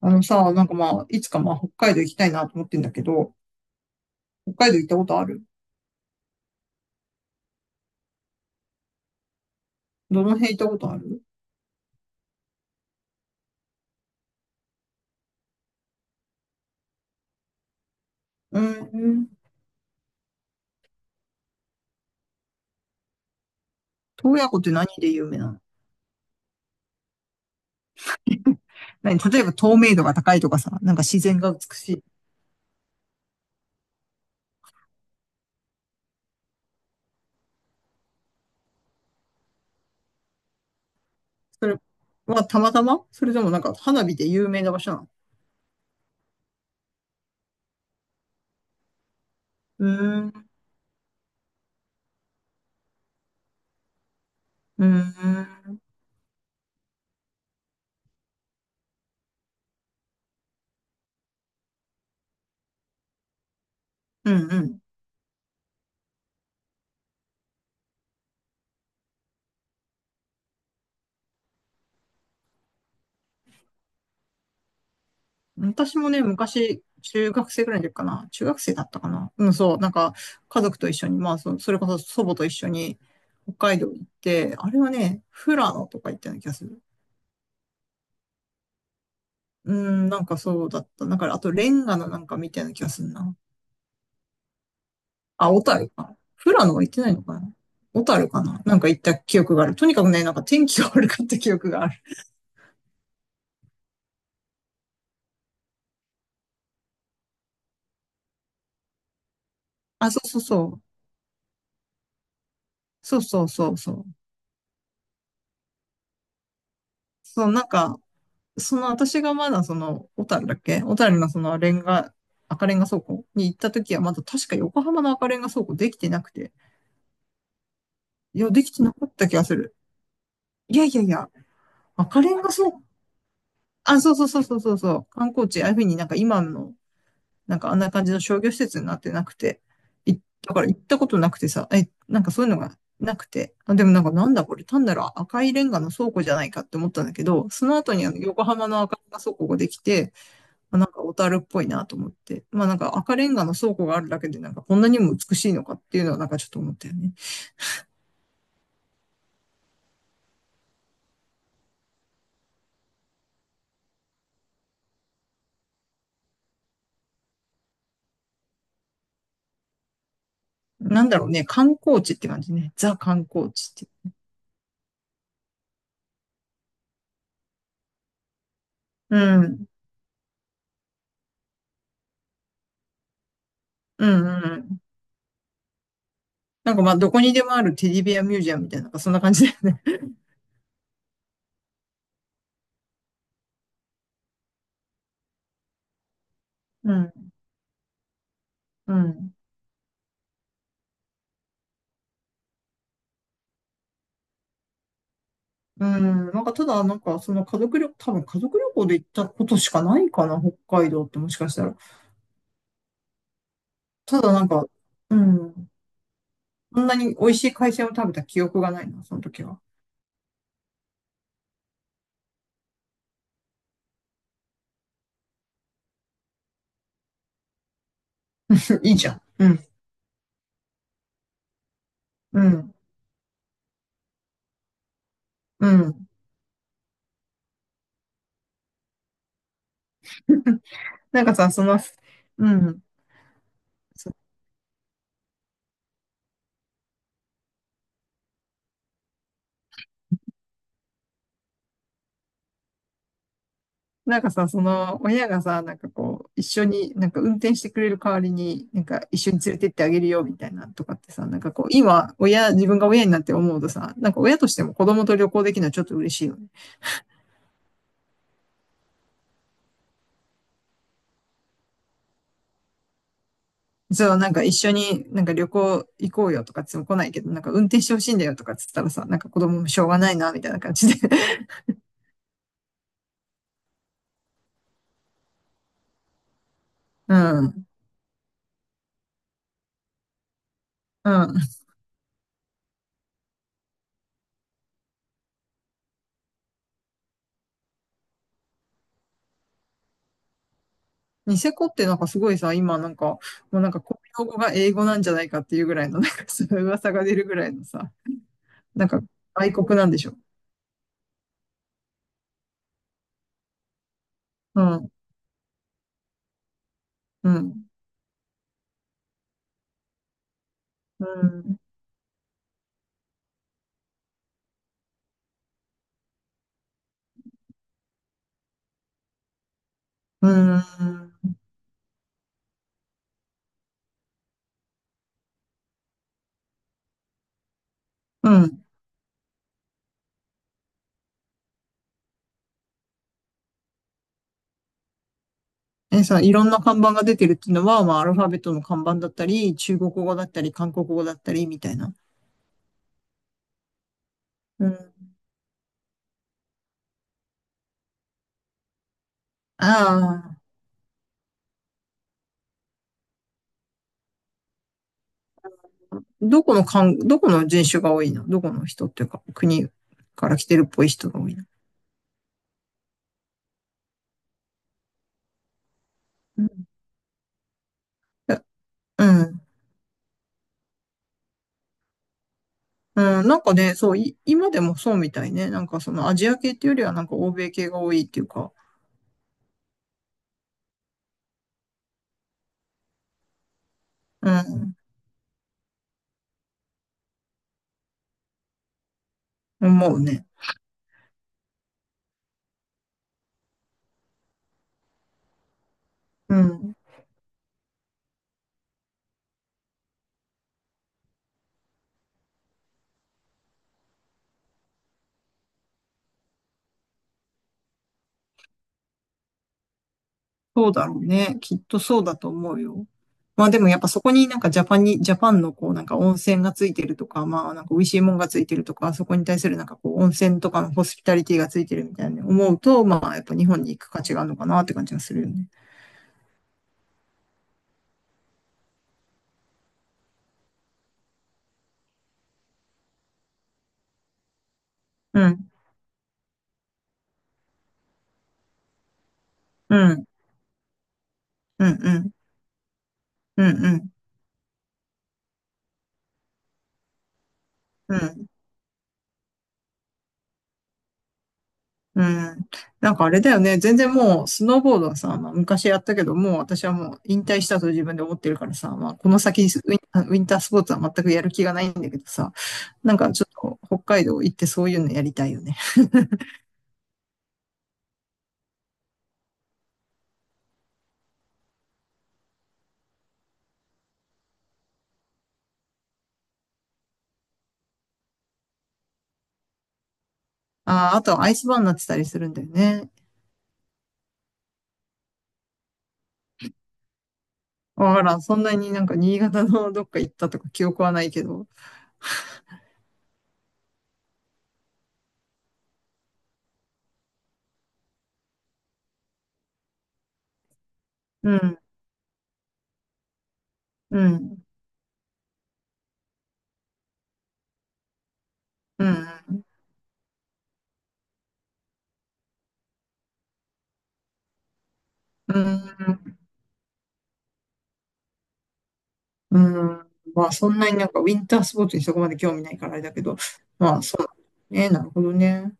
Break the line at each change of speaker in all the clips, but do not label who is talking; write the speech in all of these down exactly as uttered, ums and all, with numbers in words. あのさ、なんかまあ、いつかまあ、北海道行きたいなと思ってんだけど、北海道行ったことある？どの辺行ったことある？うーん。洞爺湖って何で有名なの？何、例えば透明度が高いとかさ、なんか自然が美しい。それはたまたまそれでもなんか花火で有名な場所なの？うーん、うーん、うんうん。私もね、昔、中学生ぐらいの時かな。中学生だったかな。うん、そう。なんか、家族と一緒に、まあ、そ、それこそ祖母と一緒に、北海道行って、あれはね、富良野とか行ったような気がする。うん、なんかそうだった。だから、あと、レンガのなんかみたいな気がするな。あ、小樽か。富良野は行ってないのかな？小樽かな。なんか行った記憶がある。とにかくね、なんか天気が悪かった記憶がある。あ、そうそうそう。そうそうそうそう。そう、なんか、その私がまだその、小樽だっけ、小樽のそのレンガ、赤レンガ倉庫に行った時はまだ確か横浜の赤レンガ倉庫できてなくて。いや、できてなかった気がする。いやいやいや、赤レンガ倉庫、あ、そうそうそうそうそうそう。観光地、ああいうふうになんか今のなんかあんな感じの商業施設になってなくて、いだから行ったことなくてさ、え、なんかそういうのがなくて、あ、でもなんかなんだこれ、単なる赤いレンガの倉庫じゃないかって思ったんだけど、その後にあの横浜の赤レンガ倉庫ができて、まあなんか小樽っぽいなと思って、まあなんか赤レンガの倉庫があるだけでなんかこんなにも美しいのかっていうのはなんかちょっと思ったよね。なんだろうね、観光地って感じね。ザ観光地って。うん。うんうんうん。なんかまあどこにでもあるテディベアミュージアムみたいな、なんかそんな感じだよね。うん。うん。うん、なんかただ、なんかその家族旅、多分家族旅行で行ったことしかないかな、北海道ってもしかしたら。ただなんか、うん、そんなに美味しい海鮮を食べた記憶がないな、その時は。いいじゃん。うん、うん、うん。なんかさ、その、うん。そなんかさ、その、親がさ、なんかこう、一緒に、なんか運転してくれる代わりに、なんか一緒に連れてってあげるよ、みたいなとかってさ、なんかこう、今、親、自分が親になって思うとさ、なんか親としても子供と旅行できるのはちょっと嬉しいよね。そう、なんか一緒になんか旅行行こうよとかつも来ないけど、なんか運転してほしいんだよとかっつったらさ、なんか子供もしょうがないな、みたいな感じで。うん。うん。ニセコってなんかすごいさ、今なんか、もうなんか公用語が英語なんじゃないかっていうぐらいの、なんかそういう噂が出るぐらいのさ、なんか外国なんでしょ？うん。うん。うん。うん。うん。え、さ、いろんな看板が出てるっていうのは、まあ、アルファベットの看板だったり、中国語だったり、韓国語だったり、みたいな。うん。ああ。どこのかん、どこの人種が多いの？どこの人っていうか、国から来てるっぽい人が多いの？うんうん。なんかね、そう、い今でもそうみたいね。なんかそのアジア系っていうよりはなんか欧米系が多いっていうか、うん、思うね。うん。そうだろうね。きっとそうだと思うよ。まあでもやっぱそこになんかジャパンに、ジャパンのこうなんか温泉がついてるとか、まあなんか美味しいもんがついてるとか、そこに対するなんかこう温泉とかのホスピタリティがついてるみたいな思うと、まあやっぱ日本に行く価値があるのかなって感じがするよね。うん、うん、うん、うん、うん、うん、うん。うん。なんかあれだよね。全然もう、スノーボードはさ、まあ、昔やったけど、もう私はもう引退したと自分で思ってるからさ、まあ、この先ウィン、ウィンタースポーツは全くやる気がないんだけどさ、なんかちょっと北海道行ってそういうのやりたいよね。ああ、あとはアイスバーンになってたりするんだよね。わからん。そんなになんか新潟のどっか行ったとか記憶はないけど。うん、うん、うん、うん、うんうーん。まあ、そんなになんかウィンタースポーツにそこまで興味ないからあれだけど、まあ、そう。ね、なるほどね。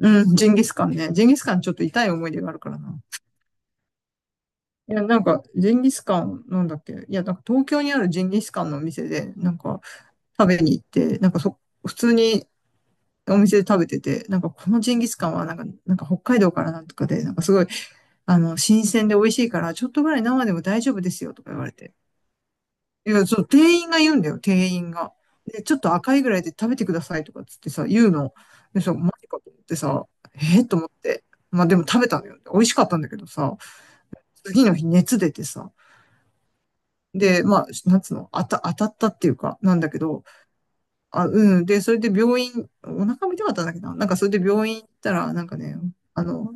うん、ジンギスカンね。ジンギスカンちょっと痛い思い出があるからな。いや、なんか、ジンギスカン、なんだっけ。いや、なんか東京にあるジンギスカンのお店で、なんか食べに行って、なんかそ、普通にお店で食べてて、なんかこのジンギスカンはなんか、なんか北海道からなんとかで、なんかすごい、あの、新鮮で美味しいから、ちょっとぐらい生でも大丈夫ですよとか言われて。いや、そう、店員が言うんだよ、店員が。で、ちょっと赤いぐらいで食べてくださいとかっつってさ、言うの。でさ、マジかと思ってさ、えー、と思って。まあでも食べたのよ。美味しかったんだけどさ、次の日熱出てさ。で、まあ、なんつうの、あた、当たったっていうか、なんだけど、あ、うん。で、それで病院、お腹も痛かったんだけどな、なんかそれで病院行ったら、なんかね、あの、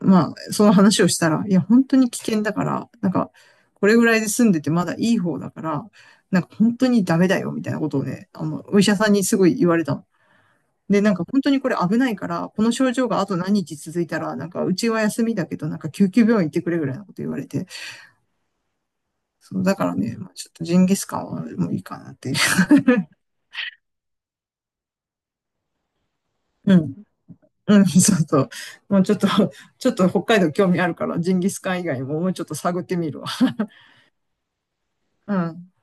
まあ、その話をしたら、いや、本当に危険だから、なんか、これぐらいで住んでてまだいい方だから、なんか本当にダメだよ、みたいなことをね、あの、お医者さんにすごい言われたの。で、なんか本当にこれ危ないから、この症状があと何日続いたら、なんかうちは休みだけど、なんか救急病院行ってくれぐらいのこと言われて、そう、だからね、まあ、ちょっとジンギスカンはもういいかなっていう。うん。うん、そうそう。もうちょっと、ちょっと北海道興味あるから、ジンギスカン以外ももうちょっと探ってみるわ。うん。